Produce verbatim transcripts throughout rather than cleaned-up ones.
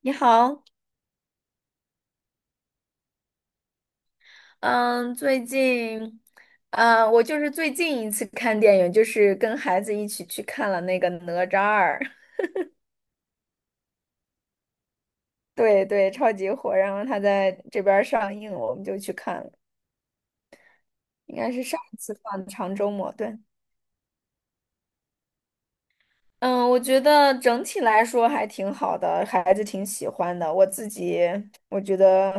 你好，嗯，最近，嗯，我就是最近一次看电影，就是跟孩子一起去看了那个《哪吒二》，对对，超级火，然后他在这边儿上映，我们就去看了，应该是上一次放的长周末，对，嗯，我觉得整体来说还挺好的，孩子挺喜欢的，我自己我觉得，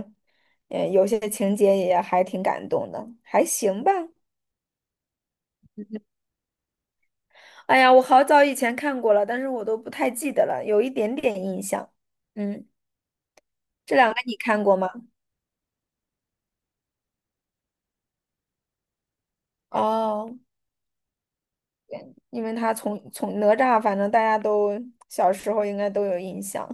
嗯，有些情节也还挺感动的，还行吧。哎呀，我好早以前看过了，但是我都不太记得了，有一点点印象。嗯，这两个你看过吗？哦，对因为他从从哪吒，反正大家都小时候应该都有印象，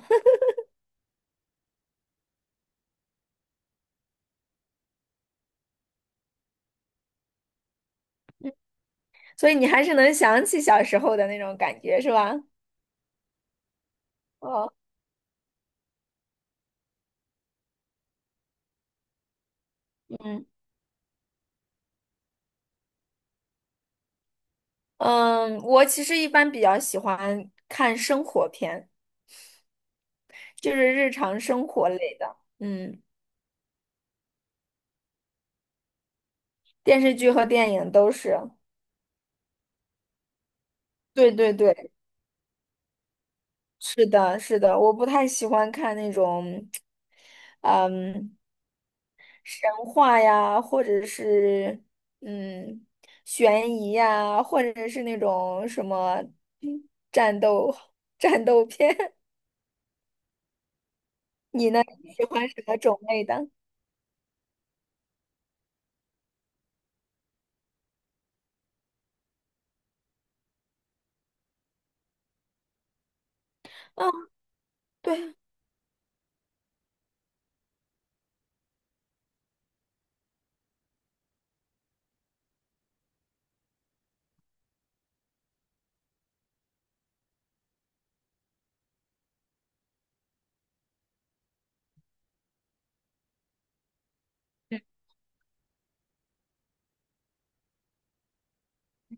所以你还是能想起小时候的那种感觉，是吧？哦，嗯嗯，我其实一般比较喜欢看生活片，就是日常生活类的。嗯，电视剧和电影都是。对对对。是的，是的，我不太喜欢看那种，嗯，神话呀，或者是嗯，悬疑呀，或者是那种什么嗯战斗 战斗片。你呢？你喜欢什么种类的？嗯，对，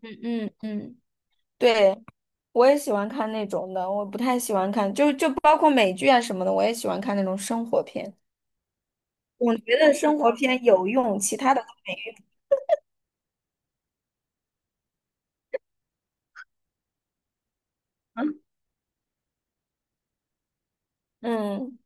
嗯嗯嗯，嗯，对，我也喜欢看那种的，我不太喜欢看，就就包括美剧啊什么的，我也喜欢看那种生活片。我觉得生活片有用，其他的都没用。嗯。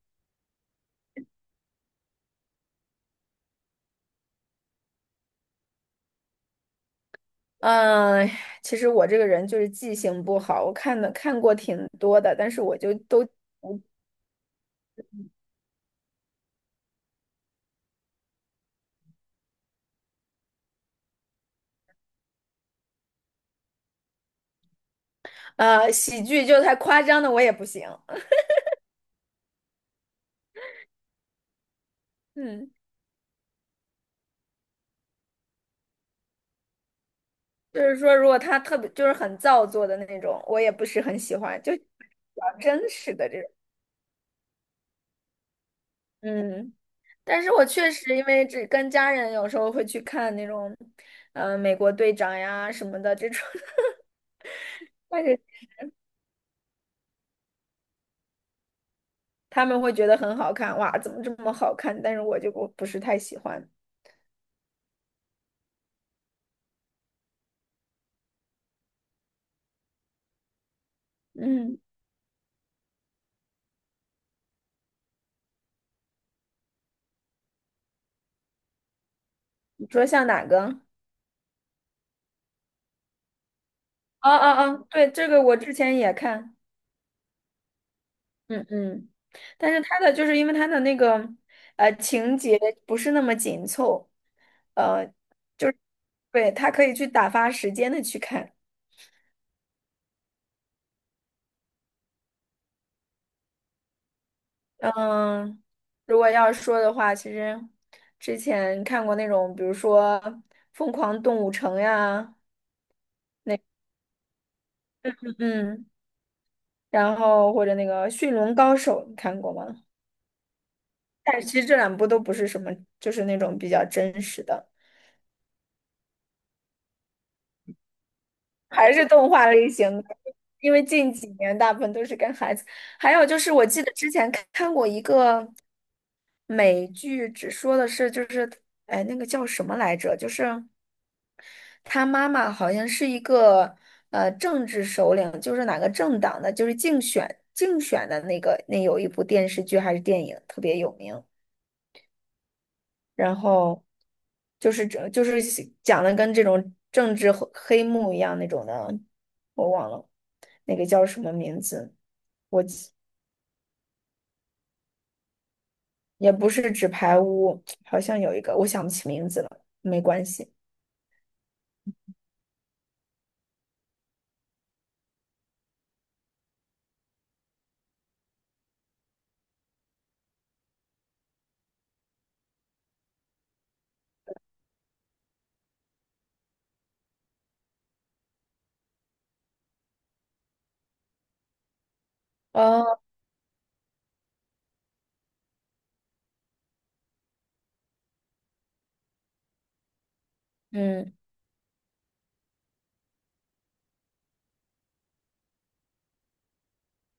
嗯，其实我这个人就是记性不好，我看的看过挺多的，但是我就都呃喜剧就太夸张的我也不行，嗯，就是说如果他特别就是很造作的那种，我也不是很喜欢，就比较真实的这种，嗯，但是我确实因为只跟家人有时候会去看那种，呃，美国队长呀什么的这种，但是他们会觉得很好看，哇，怎么这么好看？但是我就不不是太喜欢，嗯，你说像哪个？啊啊啊！对，这个我之前也看，嗯嗯，但是它的就是因为它的那个呃情节不是那么紧凑，呃，就是对，它可以去打发时间的去看。嗯，如果要是说的话，其实之前看过那种，比如说《疯狂动物城》呀，嗯，然后或者那个《驯龙高手》，你看过吗？但是其实这两部都不是什么，就是那种比较真实的。还是动画类型的，因为近几年大部分都是跟孩子。还有就是，我记得之前看看过一个美剧，只说的是就是，哎，那个叫什么来着？就是他妈妈好像是一个呃政治首领，就是哪个政党的，就是竞选竞选的那个，那有一部电视剧还是电影特别有名。然后就是这就是讲的跟这种政治黑黑幕一样那种的，我忘了那个叫什么名字，也不是纸牌屋，好像有一个我想不起名字了，没关系。哦，嗯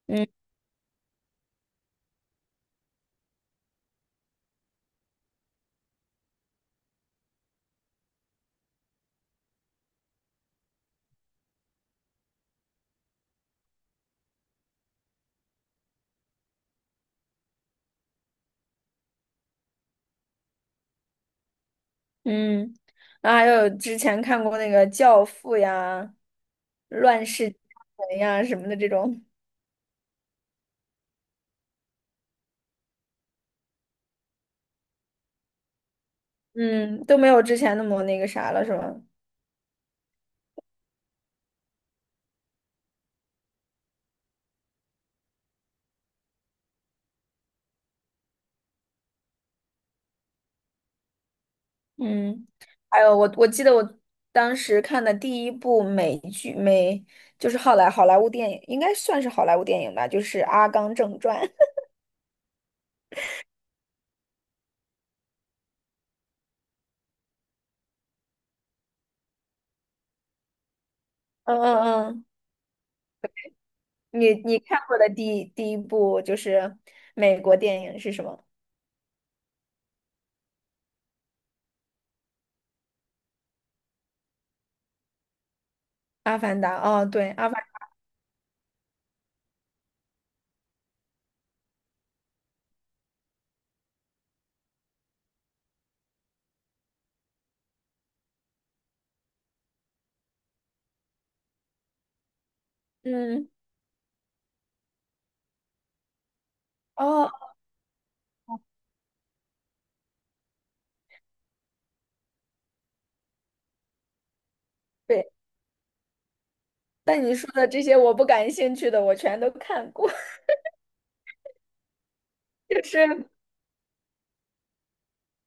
嗯嗯，然后还有之前看过那个《教父》呀，《乱世佳人》呀什么的这种，嗯，都没有之前那么那个啥了，是吧？嗯，还有我我记得我当时看的第一部美剧美就是好莱好莱坞电影，应该算是好莱坞电影吧，就是《阿甘正传》。嗯嗯嗯，你你看过的第一第一部就是美国电影是什么？《阿凡达》哦，对，《阿凡》嗯哦对，但你说的这些我不感兴趣的，我全都看过，就是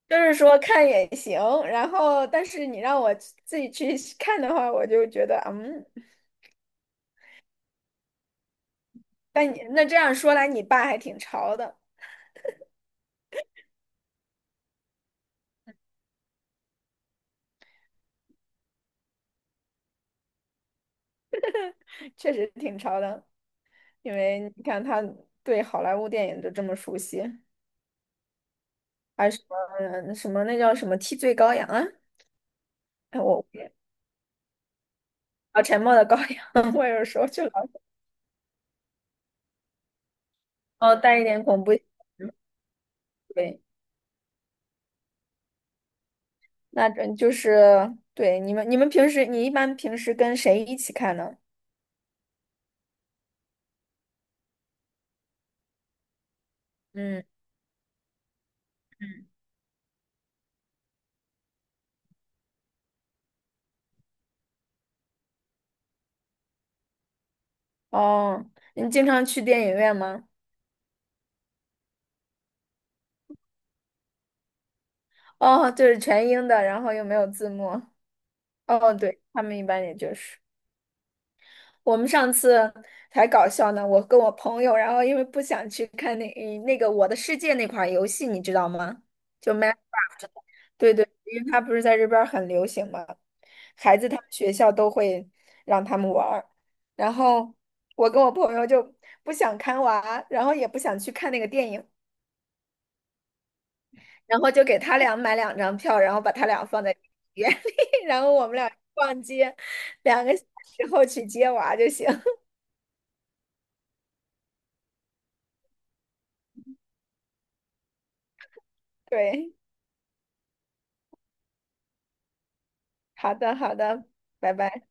就是说看也行，然后但是你让我自己去看的话，我就觉得嗯。但你那这样说来，你爸还挺潮的，确实挺潮的。因为你看他对好莱坞电影都这么熟悉，还有什么什么那叫什么替罪羔羊啊？哎，我啊，沉默的羔羊，我有时候就老哦带一点恐怖。对，那这就是对你们，你们平时你一般平时跟谁一起看呢？嗯嗯，哦，你经常去电影院吗？哦，就是全英的，然后又没有字幕。哦，对，他们一般也就是。我们上次才搞笑呢，我跟我朋友，然后因为不想去看那那个《我的世界》那款游戏，你知道吗？就 m a 对对，因为它不是在这边儿很流行嘛，孩子他们学校都会让他们玩儿。然后我跟我朋友就不想看娃，然后也不想去看那个电影，然后就给他俩买两张票，然后把他俩放在 电影院里，然后我们俩逛街，两个小时后去接娃就行。对。好的，好的，拜拜。